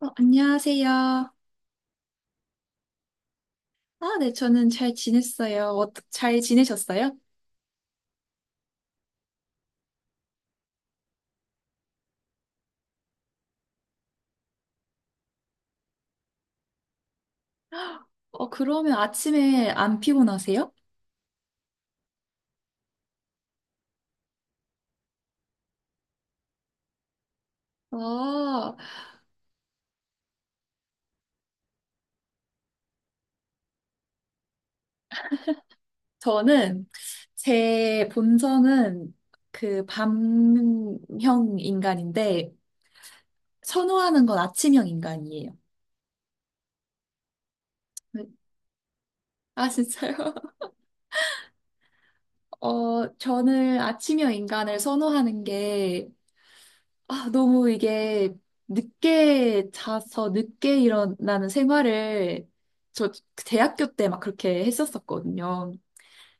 안녕하세요. 네, 저는 잘 지냈어요. 잘 지내셨어요? 그러면 아침에 안 피곤하세요? 아, 저는 제 본성은 그 밤형 인간인데 선호하는 건 아침형 인간이에요. 네. 진짜요? 저는 아침형 인간을 선호하는 게 너무 이게 늦게 자서 늦게 일어나는 생활을 저 대학교 때 막 그렇게 했었었거든요.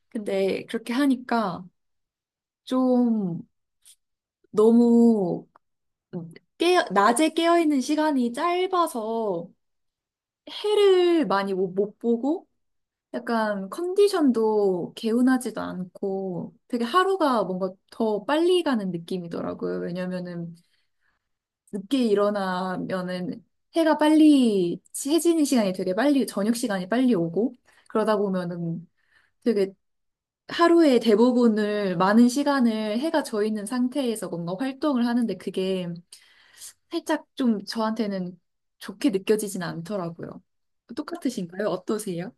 근데 그렇게 하니까 좀 너무 낮에 깨어있는 시간이 짧아서 해를 많이 못 보고 약간 컨디션도 개운하지도 않고 되게 하루가 뭔가 더 빨리 가는 느낌이더라고요. 왜냐면은 늦게 일어나면은 해가 빨리 해지는 시간이 되게 빨리 저녁 시간이 빨리 오고 그러다 보면은 되게 하루의 대부분을 많은 시간을 해가 져 있는 상태에서 뭔가 활동을 하는데 그게 살짝 좀 저한테는 좋게 느껴지진 않더라고요. 똑같으신가요? 어떠세요?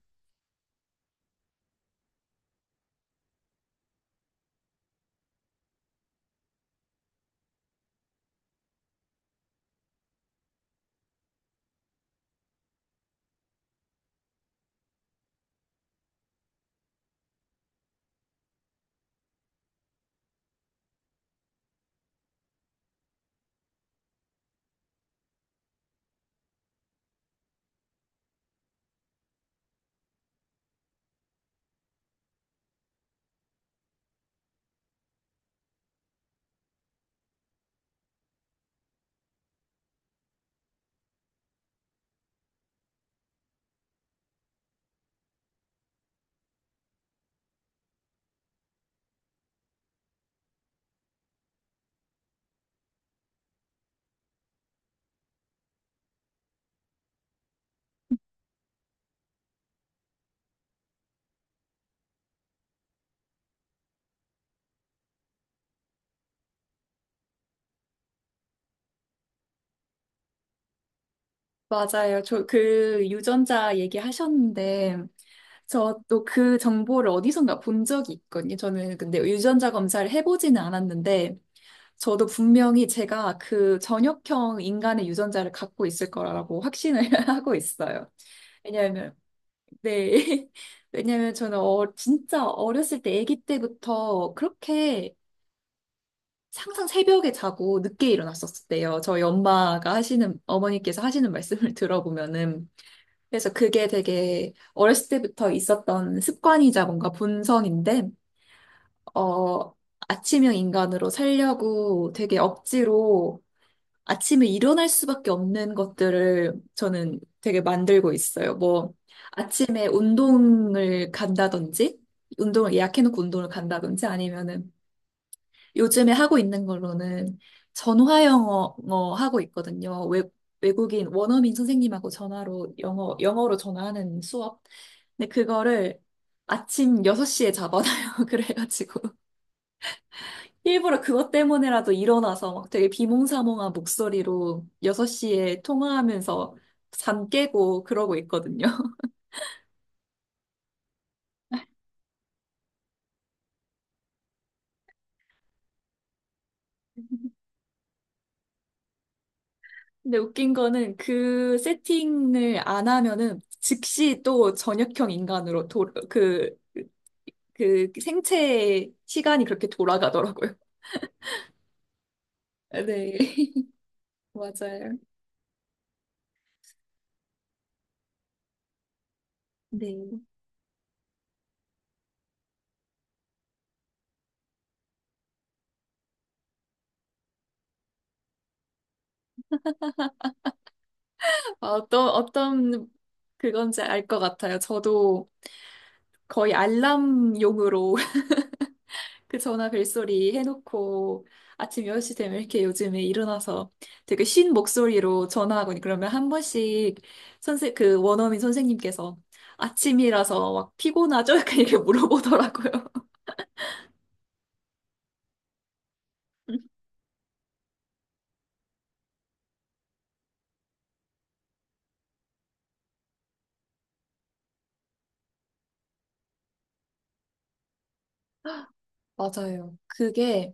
맞아요. 저 그 유전자 얘기하셨는데 저 또 그 정보를 어디선가 본 적이 있거든요. 저는 근데 유전자 검사를 해보지는 않았는데 저도 분명히 제가 그 전역형 인간의 유전자를 갖고 있을 거라고 확신을 하고 있어요. 왜냐하면, 네. 왜냐하면 저는 진짜 어렸을 때, 아기 때부터 그렇게 항상 새벽에 자고 늦게 일어났었대요. 저희 어머니께서 하시는 말씀을 들어보면은. 그래서 그게 되게 어렸을 때부터 있었던 습관이자 뭔가 본성인데, 어, 아침형 인간으로 살려고 되게 억지로 아침에 일어날 수밖에 없는 것들을 저는 되게 만들고 있어요. 뭐, 아침에 운동을 간다든지, 운동을 예약해놓고 운동을 간다든지, 아니면은 요즘에 하고 있는 걸로는 전화 영어 하고 있거든요. 외국인 원어민 선생님하고 전화로 영어로 전화하는 수업. 근데 그거를 아침 6시에 잡아놔요. 그래가지고. 일부러 그것 때문에라도 일어나서 막 되게 비몽사몽한 목소리로 6시에 통화하면서 잠 깨고 그러고 있거든요. 근데 웃긴 거는 그 세팅을 안 하면은 즉시 또 전역형 인간으로 그 생체의 시간이 그렇게 돌아가더라고요. 네. 맞아요. 네. 어떤 그건지 알 것 같아요. 저도 거의 알람용으로 그 전화 벨소리 해놓고 아침 1시 되면 이렇게 요즘에 일어나서 되게 쉰 목소리로 전화하거니 그러면 한 번씩 선생 그 원어민 선생님께서 아침이라서 막 피곤하죠? 약간 이렇게 물어보더라고요. 맞아요. 그게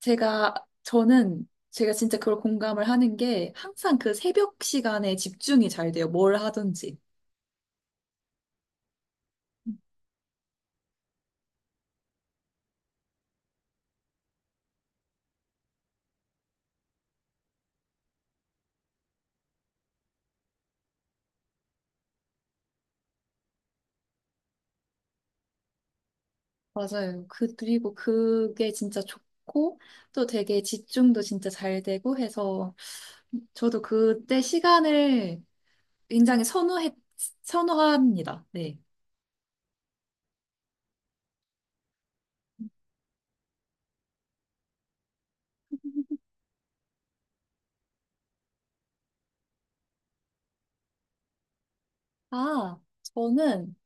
제가 저는 제가 진짜 그걸 공감을 하는 게 항상 그 새벽 시간에 집중이 잘 돼요. 뭘 하든지. 맞아요. 그리고 그게 진짜 좋고, 또 되게 집중도 진짜 잘 되고 해서 저도 그때 시간을 굉장히 선호합니다. 네. 아, 저는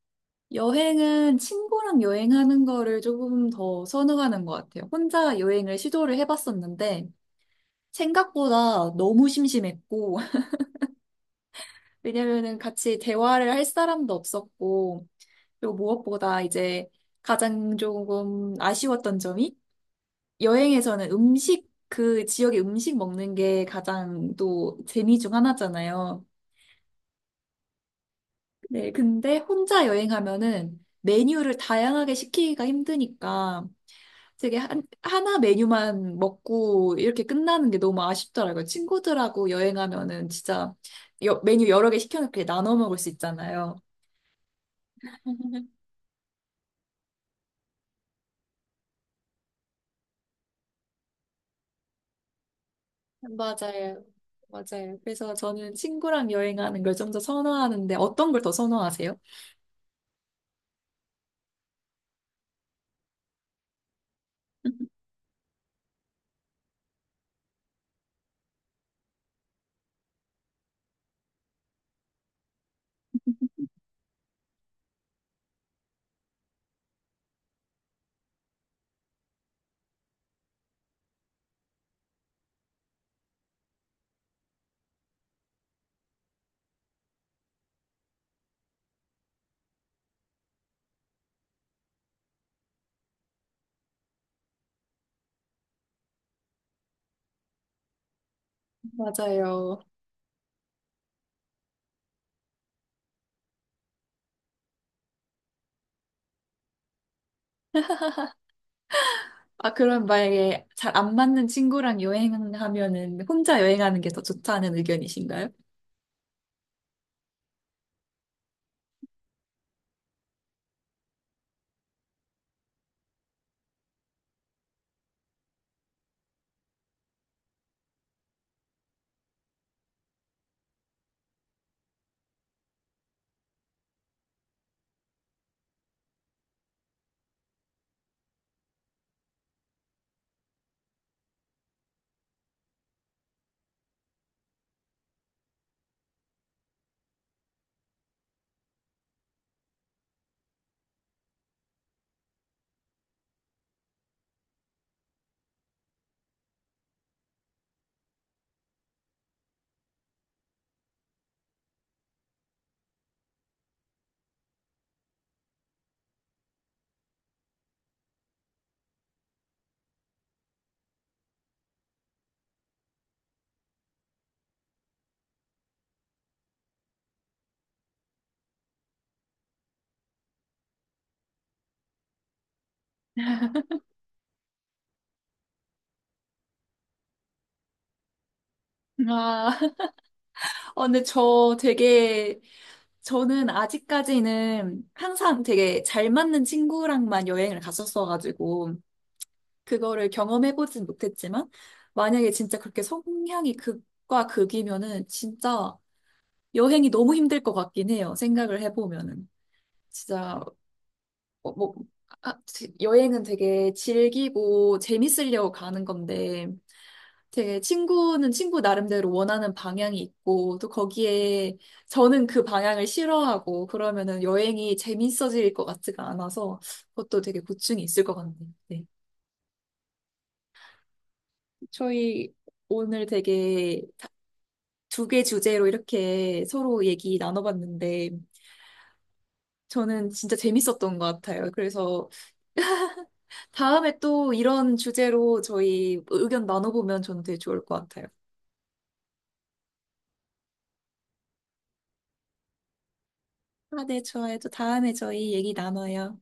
여행은 친구랑 여행하는 거를 조금 더 선호하는 것 같아요. 혼자 여행을 시도를 해봤었는데, 생각보다 너무 심심했고, 왜냐면은 같이 대화를 할 사람도 없었고, 그리고 무엇보다 이제 가장 조금 아쉬웠던 점이 여행에서는 그 지역의 음식 먹는 게 가장 또 재미 중 하나잖아요. 네, 근데 혼자 여행하면은 메뉴를 다양하게 시키기가 힘드니까 되게 하나 메뉴만 먹고 이렇게 끝나는 게 너무 아쉽더라고요. 친구들하고 여행하면은 진짜 메뉴 여러 개 시켜놓고 나눠 먹을 수 있잖아요. 맞아요. 맞아요. 그래서 저는 친구랑 여행하는 걸 좀 더 선호하는데 어떤 걸 더 선호하세요? 맞아요. 그럼 만약에 잘 안 맞는 친구랑 여행하면은 혼자 여행하는 게 더 좋다는 의견이신가요? 아, 근데 저는 아직까지는 항상 되게 잘 맞는 친구랑만 여행을 갔었어가지고, 그거를 경험해보진 못했지만, 만약에 진짜 그렇게 성향이 극과 극이면은 진짜 여행이 너무 힘들 것 같긴 해요. 생각을 해보면은. 진짜 뭐, 여행은 되게 즐기고 재밌으려고 가는 건데, 되게 친구는 친구 나름대로 원하는 방향이 있고, 또 거기에 저는 그 방향을 싫어하고, 그러면은 여행이 재밌어질 것 같지가 않아서, 그것도 되게 고충이 있을 것 같네요. 네. 저희 오늘 되게 두 개 주제로 이렇게 서로 얘기 나눠봤는데, 저는 진짜 재밌었던 것 같아요. 그래서 다음에 또 이런 주제로 저희 의견 나눠보면 저는 되게 좋을 것 같아요. 네, 좋아요. 또 다음에 저희 얘기 나눠요.